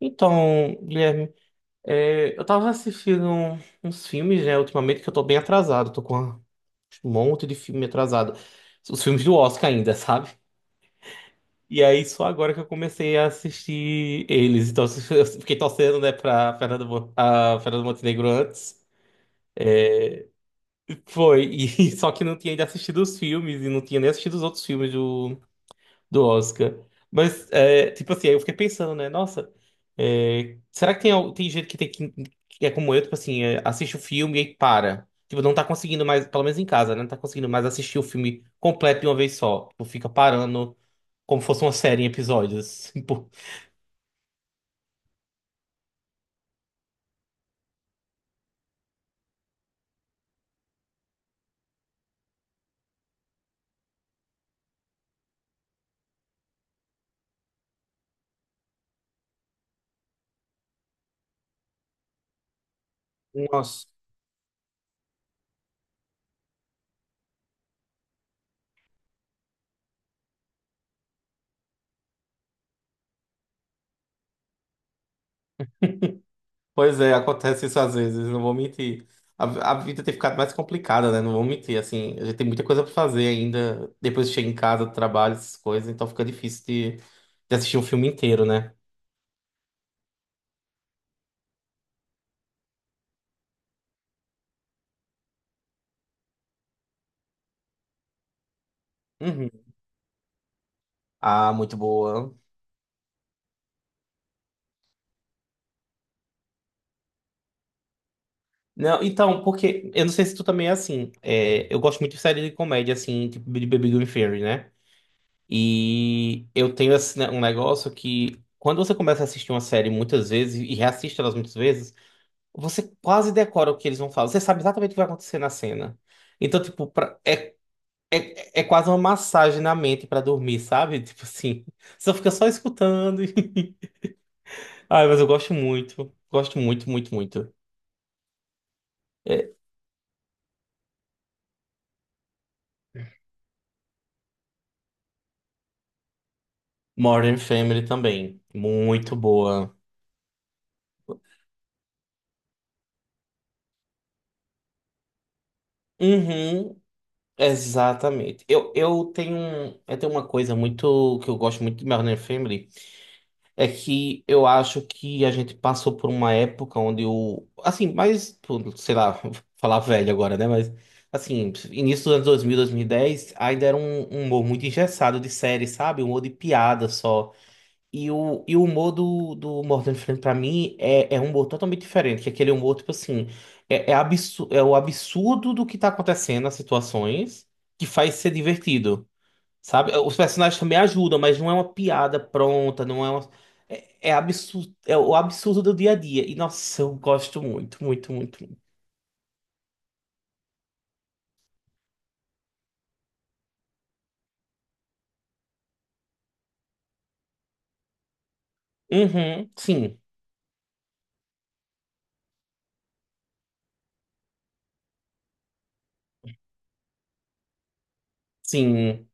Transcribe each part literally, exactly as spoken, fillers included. Então, Guilherme, é, eu tava assistindo um- uns filmes, né, ultimamente, que eu tô bem atrasado, tô com um monte de filme atrasado. Os filmes do Oscar ainda, sabe? E aí, só agora que eu comecei a assistir eles. Então, eu fiquei torcendo, né, pra Fernanda, Mon- a Fernanda Montenegro antes. Foi, e só que não tinha ainda assistido os filmes, e não tinha nem assistido os outros filmes do Oscar. Mas, é, tipo assim, aí eu fiquei pensando, né? Nossa, é, será que tem, al- tem gente que tem que, que é como eu, tipo assim, é, assiste o filme e aí para. Tipo, não tá conseguindo mais, pelo menos em casa, né? Não tá conseguindo mais assistir o filme completo de uma vez só. Tipo, fica parando como fosse uma série em episódios. Tipo, Nossa, Pois é, acontece isso às vezes, não vou mentir. A, a vida tem ficado mais complicada, né? Não vou mentir, assim, a gente tem muita coisa pra fazer ainda. Depois chega em casa, trabalho, essas coisas, então fica difícil de, de assistir um filme inteiro, né? Uhum. Ah, muito boa. Não, então, porque eu não sei se tu também é assim. é, eu gosto muito de série de comédia, assim, tipo de Baby Gone Fairy, né? E eu tenho esse, né, um negócio que quando você começa a assistir uma série muitas vezes e reassiste elas muitas vezes você quase decora o que eles vão falar. Você sabe exatamente o que vai acontecer na cena. Então, tipo, pra- é, é, é quase uma massagem na mente pra dormir, sabe? Tipo assim, você fica só escutando. e- Ai, mas eu gosto muito. Gosto muito, muito, muito. É, Modern Family também. Muito boa. Uhum, exatamente. Eu, eu tenho, um- eu tenho uma coisa muito que eu gosto muito de Modern Family. É que eu acho que a gente passou por uma época onde o. Assim, mais. Pô, sei lá, vou falar velho agora, né? Mas. Assim, início dos anos dois mil, dois mil e dez, ainda era um, um humor muito engessado de série, sabe? Um humor de piada só. E o, e o humor do, do Morgan Freeman, pra mim, é, é um humor totalmente diferente. Que é aquele humor, tipo assim. É, é, absu- é o absurdo do que tá acontecendo, as situações, que faz ser divertido. Sabe? Os personagens também ajudam, mas não é uma piada pronta, não é uma... É, é absurdo, é o absurdo do dia a dia. E, nossa, eu gosto muito, muito, muito, muito. Uhum, sim, sim.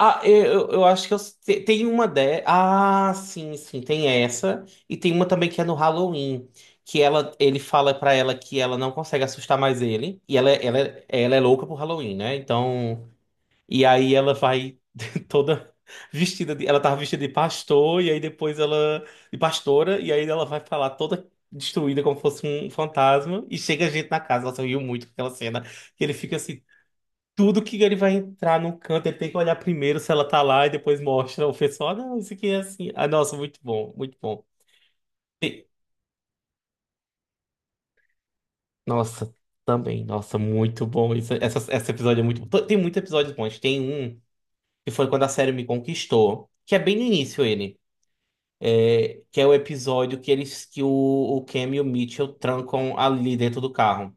Ah, eu, eu eu acho que eu... te- tem uma de... Ah, sim, sim, tem essa. E tem uma também que é no Halloween, que ela, ele fala pra ela que ela não consegue assustar mais ele. E ela, é- ela, é- ela é louca por Halloween, né? Então... E aí ela vai toda vestida de, ela tava vestida de pastor e aí depois ela de pastora e aí ela vai falar toda destruída como fosse um fantasma e chega gente na casa, ela riu muito com aquela cena que ele fica assim, tudo que ele vai entrar num canto, ele tem que olhar primeiro se ela tá lá e depois mostra o pessoal, "Ah, não, isso aqui é assim". Ah, nossa, muito bom, muito bom. E- nossa, também, nossa, muito bom isso. Essa, esse episódio é muito bom. Tem muitos episódios bons. Tem um que foi quando a série me conquistou, que é bem no início ele. é, que é o episódio que eles que o, o Cam e o Mitchell trancam ali dentro do carro.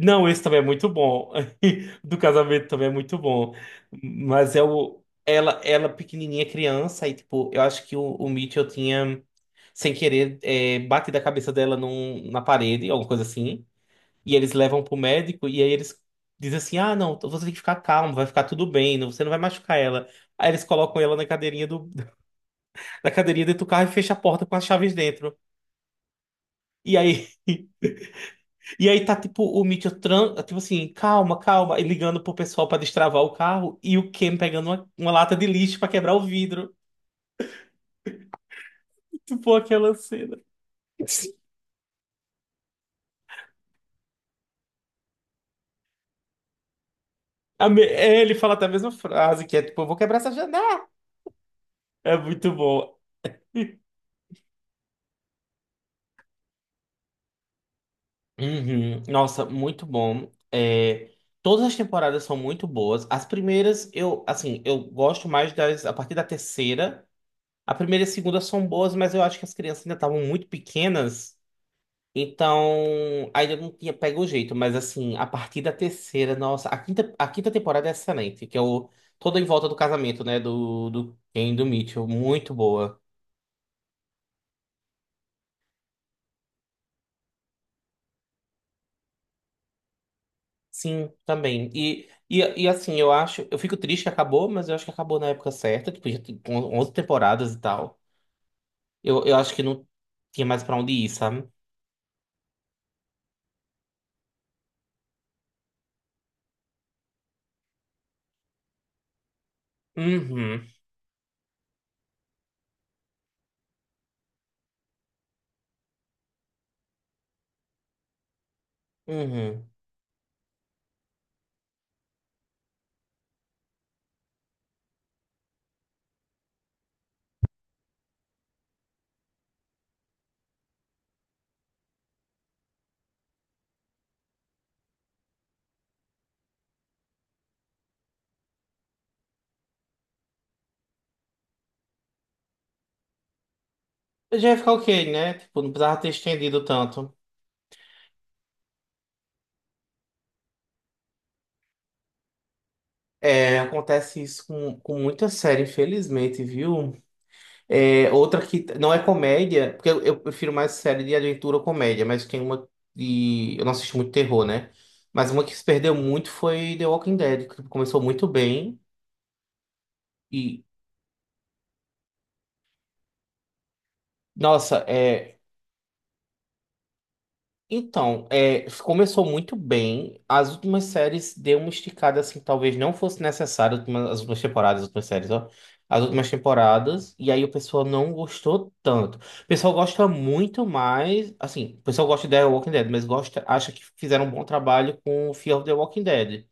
Não, esse também é muito bom. Do casamento também é muito bom. Mas é o ela ela pequenininha criança e tipo, eu acho que o, o Mitchell tinha sem querer é, batido a cabeça dela num, na parede, alguma coisa assim. E eles levam pro médico e aí eles dizem assim: "Ah, não, então você tem que ficar calmo, vai ficar tudo bem, não- você não vai machucar ela". Aí eles colocam ela na cadeirinha do na cadeirinha dentro do carro e fecham a porta com as chaves dentro. E aí, e aí tá tipo o Mitchell, tran- tipo assim, calma, calma, e ligando pro pessoal pra destravar o carro e o Ken pegando uma, uma lata de lixo pra quebrar o vidro. Tipo aquela cena. A me- é, ele fala até a mesma frase, que é tipo, eu vou quebrar essa janela. É muito bom. Uhum. Nossa, muito bom. É, todas as temporadas são muito boas. As primeiras, eu, assim, eu gosto mais das, a partir da terceira. A primeira e a segunda são boas, mas eu acho que as crianças ainda estavam muito pequenas. Então, ainda não tinha pego o jeito, mas assim, a partir da terceira, nossa, a quinta, a quinta temporada é excelente, que é o Todo em Volta do Casamento, né, do, do Ken e do Mitchell, muito boa. Sim, também. E, e, e assim, eu acho, eu fico triste que acabou, mas eu acho que acabou na época certa, tipo, já tem on- onze temporadas e tal. Eu, eu acho que não tinha mais pra onde ir, sabe? Uhum, uhum. Eu já ia ficar ok, né? Tipo, não precisava ter estendido tanto. É, acontece isso com, com muita série, infelizmente, viu? É, outra que não é comédia, porque eu, eu prefiro mais série de aventura ou comédia, mas tem uma de. Eu não assisto muito terror, né? Mas uma que se perdeu muito foi The Walking Dead, que começou muito bem. E, nossa, é. Então, é, começou muito bem. As últimas séries deu uma esticada assim, que talvez não fosse necessário. Últimas- As últimas temporadas, as últimas séries, ó. As últimas temporadas. E aí o pessoal não gostou tanto. O pessoal gosta muito mais. Assim, o pessoal gosta de The Walking Dead, mas gosta, acha que fizeram um bom trabalho com Fear of the Walking Dead.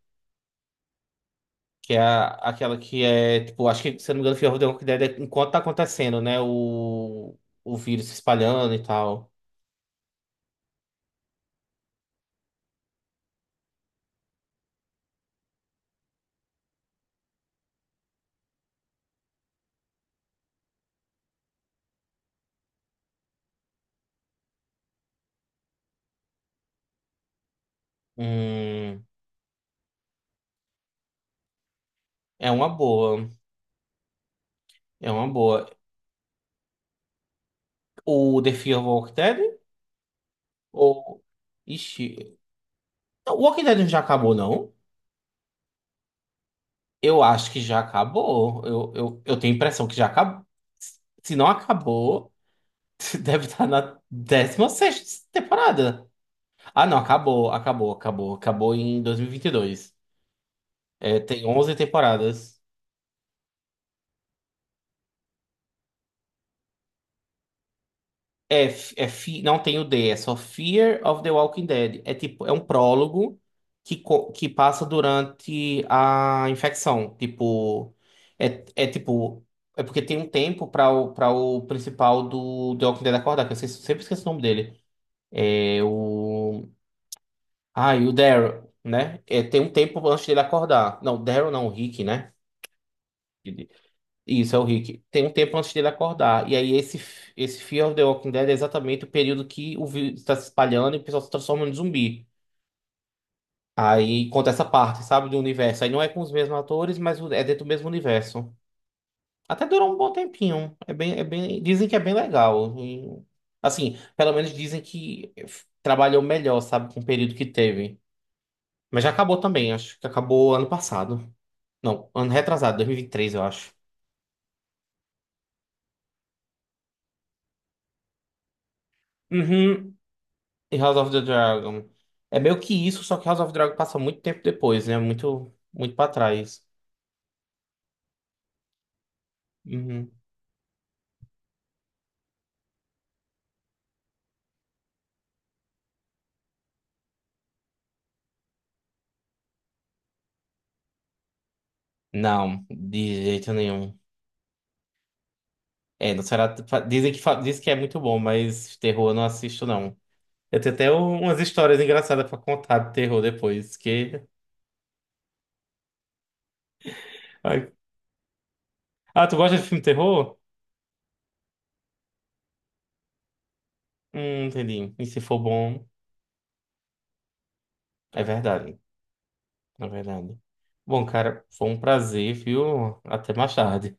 Que é a- aquela que é, tipo, acho que, se eu não me engano, Fear of the Walking Dead é enquanto tá acontecendo, né? O, o vírus se espalhando e tal. Hum, é uma boa. É uma boa. O The Fear of Walking Dead? Ou. Ixi. O Walking Dead já acabou, não? Eu acho que já acabou. Eu, eu, eu tenho a impressão que já acabou. Se não acabou, deve estar na décima sexta temporada. Ah, não, acabou, acabou, acabou. Acabou em dois mil e vinte e dois. É, tem onze temporadas. É, f- é fi- não tem o D, é só Fear of the Walking Dead. É tipo, é um prólogo que, co- que passa durante a infecção. Tipo, é, é tipo, é porque tem um tempo para o, para o principal do The Walking Dead acordar, que eu esqueço- sempre esqueço o nome dele. É o. Ah, e o Daryl, né? É, tem um tempo antes dele acordar. Não, Daryl não, o Rick, né? Isso, é o Rick. Tem um tempo antes dele acordar. E aí, esse, esse Fear of the Walking Dead é exatamente o período que o vírus está se espalhando e o pessoal se transforma em zumbi. Aí conta essa parte, sabe, do universo. Aí não é com os mesmos atores, mas é dentro do mesmo universo. Até durou um bom tempinho. É bem, é bem, dizem que é bem legal. E, assim, pelo menos dizem que f- trabalhou melhor, sabe, com o período que teve. Mas já acabou também, acho que acabou ano passado. Não, ano retrasado, dois mil e vinte e três, eu acho. Uhum. E House of the Dragon. É meio que isso, só que House of the Dragon passa muito tempo depois, né? Muito, muito pra trás. Uhum. Não, de jeito nenhum. É, não será. fa- Dizem que, fa- diz que é muito bom, mas terror eu não assisto, não. Eu tenho até um- umas histórias engraçadas pra contar de terror depois, que. Ai. Ah, tu gosta de filme terror? Hum, entendi. E se for bom, é verdade. É verdade. Bom, cara, foi um prazer, viu? Até mais tarde.